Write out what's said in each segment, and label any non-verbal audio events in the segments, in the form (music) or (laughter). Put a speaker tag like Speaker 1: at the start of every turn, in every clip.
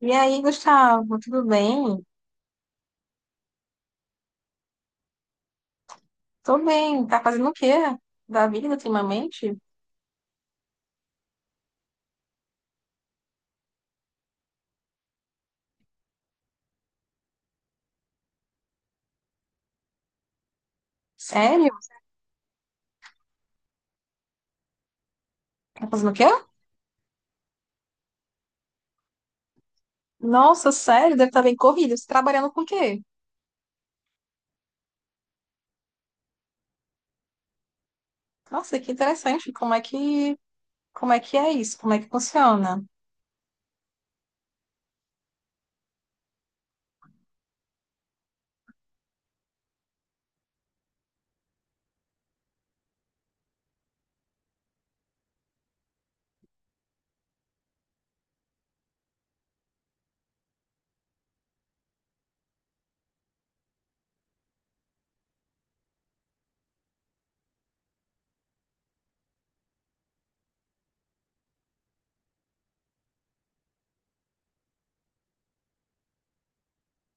Speaker 1: E aí, Gustavo, tudo bem? Tô bem. Tá fazendo o quê da vida ultimamente? Sério? Tá fazendo o quê? Nossa, sério, deve estar bem corrido. Você tá trabalhando com o quê? Nossa, que interessante. Como é que é isso? Como é que funciona?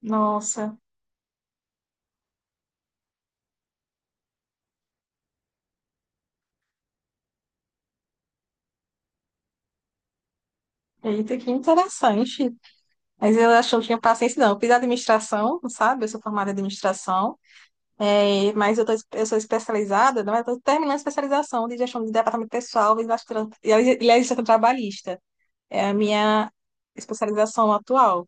Speaker 1: Nossa, eita, que interessante. Mas eu acho que eu não tinha paciência, não. Eu fiz administração, sabe? Eu sou formada em administração. Mas eu sou especializada, não, é? Eu estou terminando a especialização de gestão de departamento pessoal e administração trabalhista. É a minha especialização atual.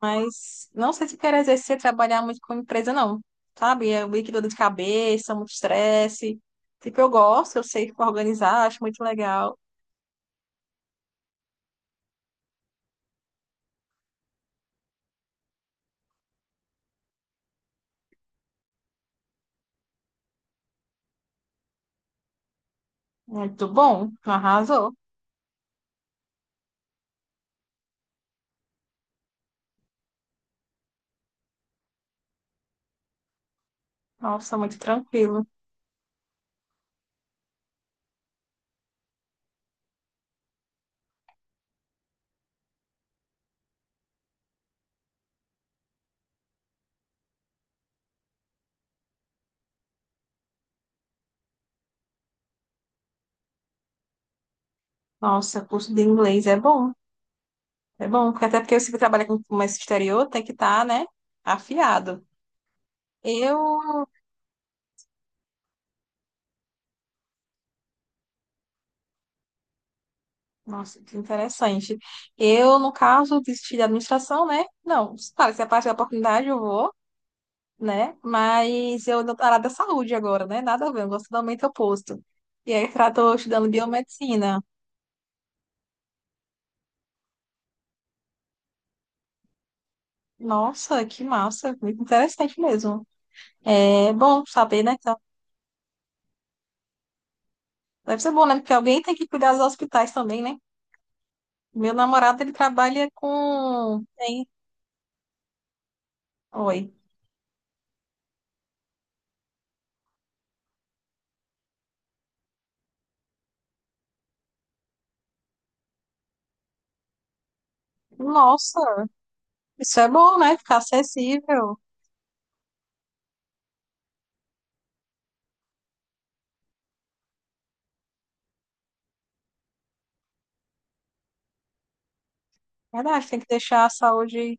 Speaker 1: Mas não sei se quero exercer trabalhar muito com empresa, não. Sabe? É muito dor de cabeça, muito estresse. Tipo, eu gosto, eu sei organizar, acho muito legal. Muito bom, arrasou. Nossa, muito tranquilo. Nossa, curso de inglês é bom. É bom, porque até porque você que trabalha com comércio exterior tem que estar, né, afiado. Eu, nossa, que interessante. Eu, no caso, desisti da administração, né? Não, claro, se aparecer a oportunidade, eu vou. Né? Mas eu não área da saúde agora, né? Nada a ver, eu gosto totalmente oposto. E aí, tô estudando biomedicina. Nossa, que massa, muito interessante mesmo. É bom saber, né? Então, deve ser bom, né? Porque alguém tem que cuidar dos hospitais também, né? Meu namorado, ele trabalha com. Tem. Oi. Nossa, isso é bom, né? Ficar acessível. Verdade, tem que deixar a saúde.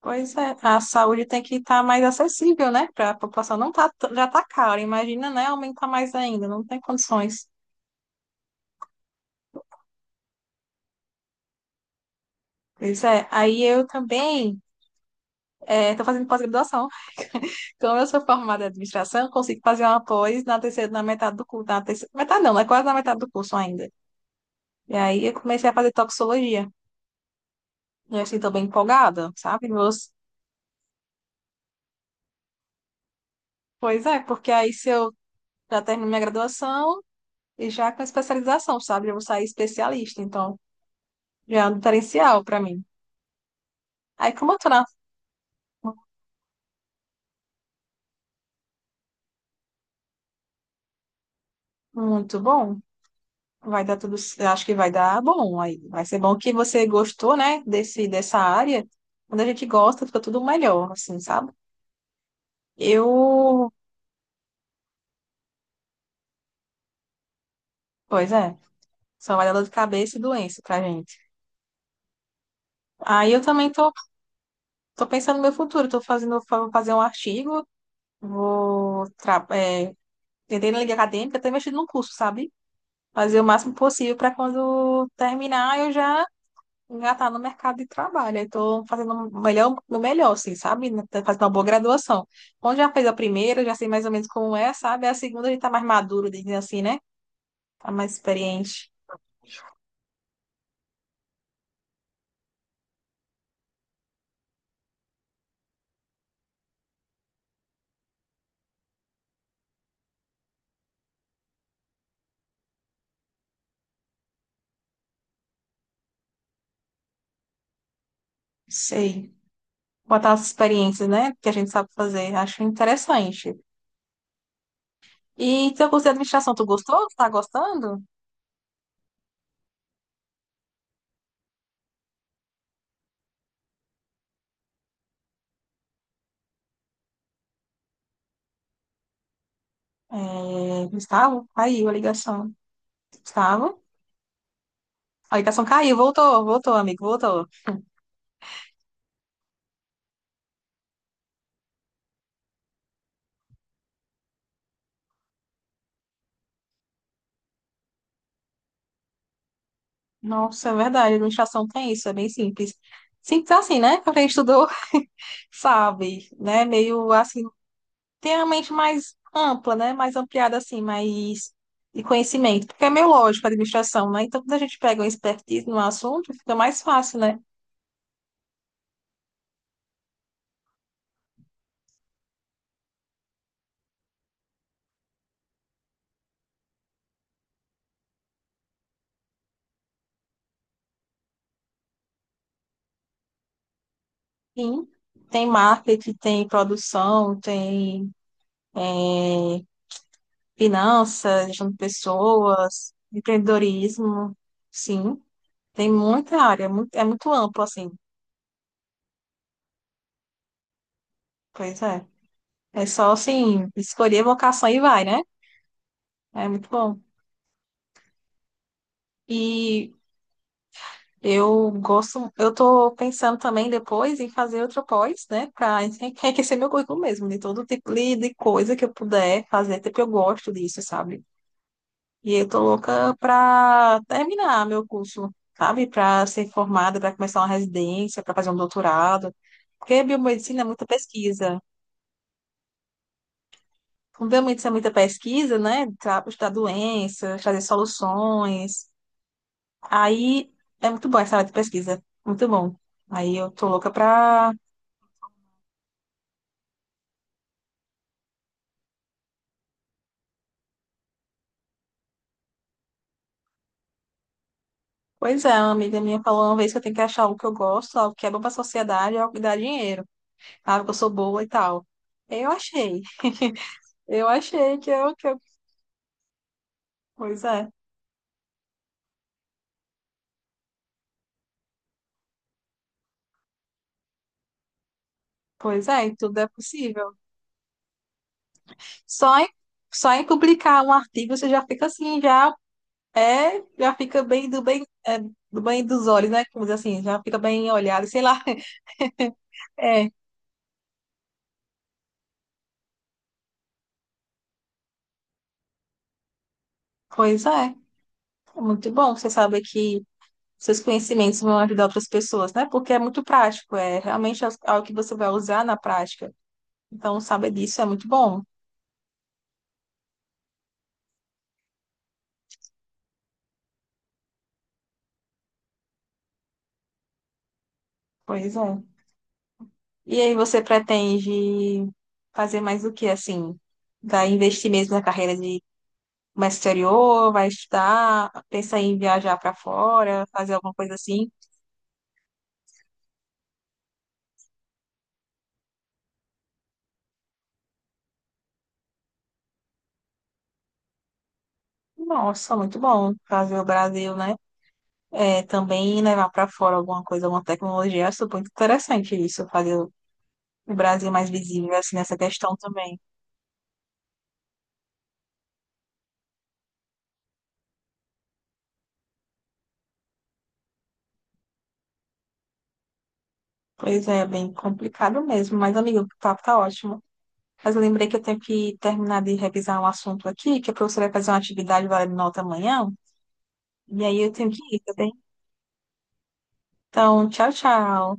Speaker 1: Pois é, a saúde tem que estar mais acessível, né? Para a população não tá, já tá cara, imagina, né? Aumentar mais ainda, não tem condições. Pois é, aí eu também estou fazendo pós-graduação. Então eu sou formada em administração, consigo fazer uma pós na terceira, na metade do curso, na terceira, metade não, é quase na metade do curso ainda. E aí eu comecei a fazer toxicologia. E assim, estou bem empolgada, sabe? Meus... Pois é, porque aí se eu já termino minha graduação e já com especialização, sabe? Eu vou sair especialista, então já é um diferencial para mim. Aí, como eu tô na... Muito bom, vai dar tudo. C- acho que vai dar bom. Aí vai ser bom que você gostou, né, dessa área. Quando a gente gosta, fica tudo melhor, assim, sabe? Eu. Pois é. Só vai dar dor de cabeça e doença pra gente. Aí eu também tô, Tô pensando no meu futuro. Vou fazer um artigo, vou. Tra... É... tentei na liga acadêmica, até mexer num curso, sabe? Fazer o máximo possível para quando terminar eu já engatar no mercado de trabalho. Estou fazendo o melhor, assim, sabe? Tô fazendo uma boa graduação. Onde já fez a primeira, já sei mais ou menos como é, sabe? A segunda a gente tá mais maduro, dizendo assim, né? Tá mais experiente. Sei. Botar as experiências, né? Que a gente sabe fazer. Acho interessante. E teu curso de administração, tu gostou? Tu tá gostando? É, Gustavo? Caiu a ligação. Gustavo? A ligação caiu, voltou, voltou, amigo, voltou. Nossa, é verdade, administração tem isso, é bem simples. Simples assim, né? Pra quem estudou sabe? Né? Meio assim, tem a mente mais ampla, né? Mais ampliada, assim, mais de conhecimento. Porque é meio lógico a administração, né? Então, quando a gente pega uma expertise num assunto, fica mais fácil, né? Sim, tem marketing, tem produção, tem eh, finanças, gestão de pessoas, empreendedorismo, sim. Tem muita área, é muito amplo, assim. Pois é. É só, assim, escolher a vocação e vai, né? É muito bom. E eu gosto, eu tô pensando também depois em fazer outro pós, né, para (laughs) enriquecer meu currículo mesmo, de todo tipo de coisa que eu puder fazer, até porque eu gosto disso, sabe? E eu tô louca para terminar meu curso, sabe? Para ser formada, para começar uma residência, para fazer um doutorado, porque biomedicina é muita pesquisa. Com biomedicina é muita pesquisa, né? Para estudar doenças, trazer soluções. Aí é muito bom essa área de pesquisa, muito bom. Aí eu tô louca para. Pois é, uma amiga minha falou uma vez que eu tenho que achar algo que eu gosto, algo que é bom pra sociedade, algo que dá dinheiro, algo que eu sou boa e tal. Eu achei, eu achei que eu... Pois é, pois é, e tudo é possível. Só em, só em publicar um artigo você já fica assim, já fica bem do bem, é, do bem dos olhos, né? Como diz assim, já fica bem olhado, sei lá. (laughs) É, pois é, é muito bom você saber que seus conhecimentos vão ajudar outras pessoas, né? Porque é muito prático, é realmente é algo que você vai usar na prática. Então, saber disso é muito bom. Pois é. E aí, você pretende fazer mais o que, assim? Vai investir mesmo na carreira de comércio exterior? Vai estudar? Pensa em viajar para fora? Fazer alguma coisa assim? Nossa, muito bom. Fazer o Brasil, né? É, também levar para fora alguma coisa, alguma tecnologia. Eu acho muito interessante isso, fazer o Brasil mais visível, assim, nessa questão também. Pois é, é bem complicado mesmo. Mas, amigo, o papo tá ótimo. Mas eu lembrei que eu tenho que terminar de revisar um assunto aqui, que a professora vai fazer uma atividade valendo nota amanhã. E aí eu tenho que ir, tá bem? Então, tchau, tchau.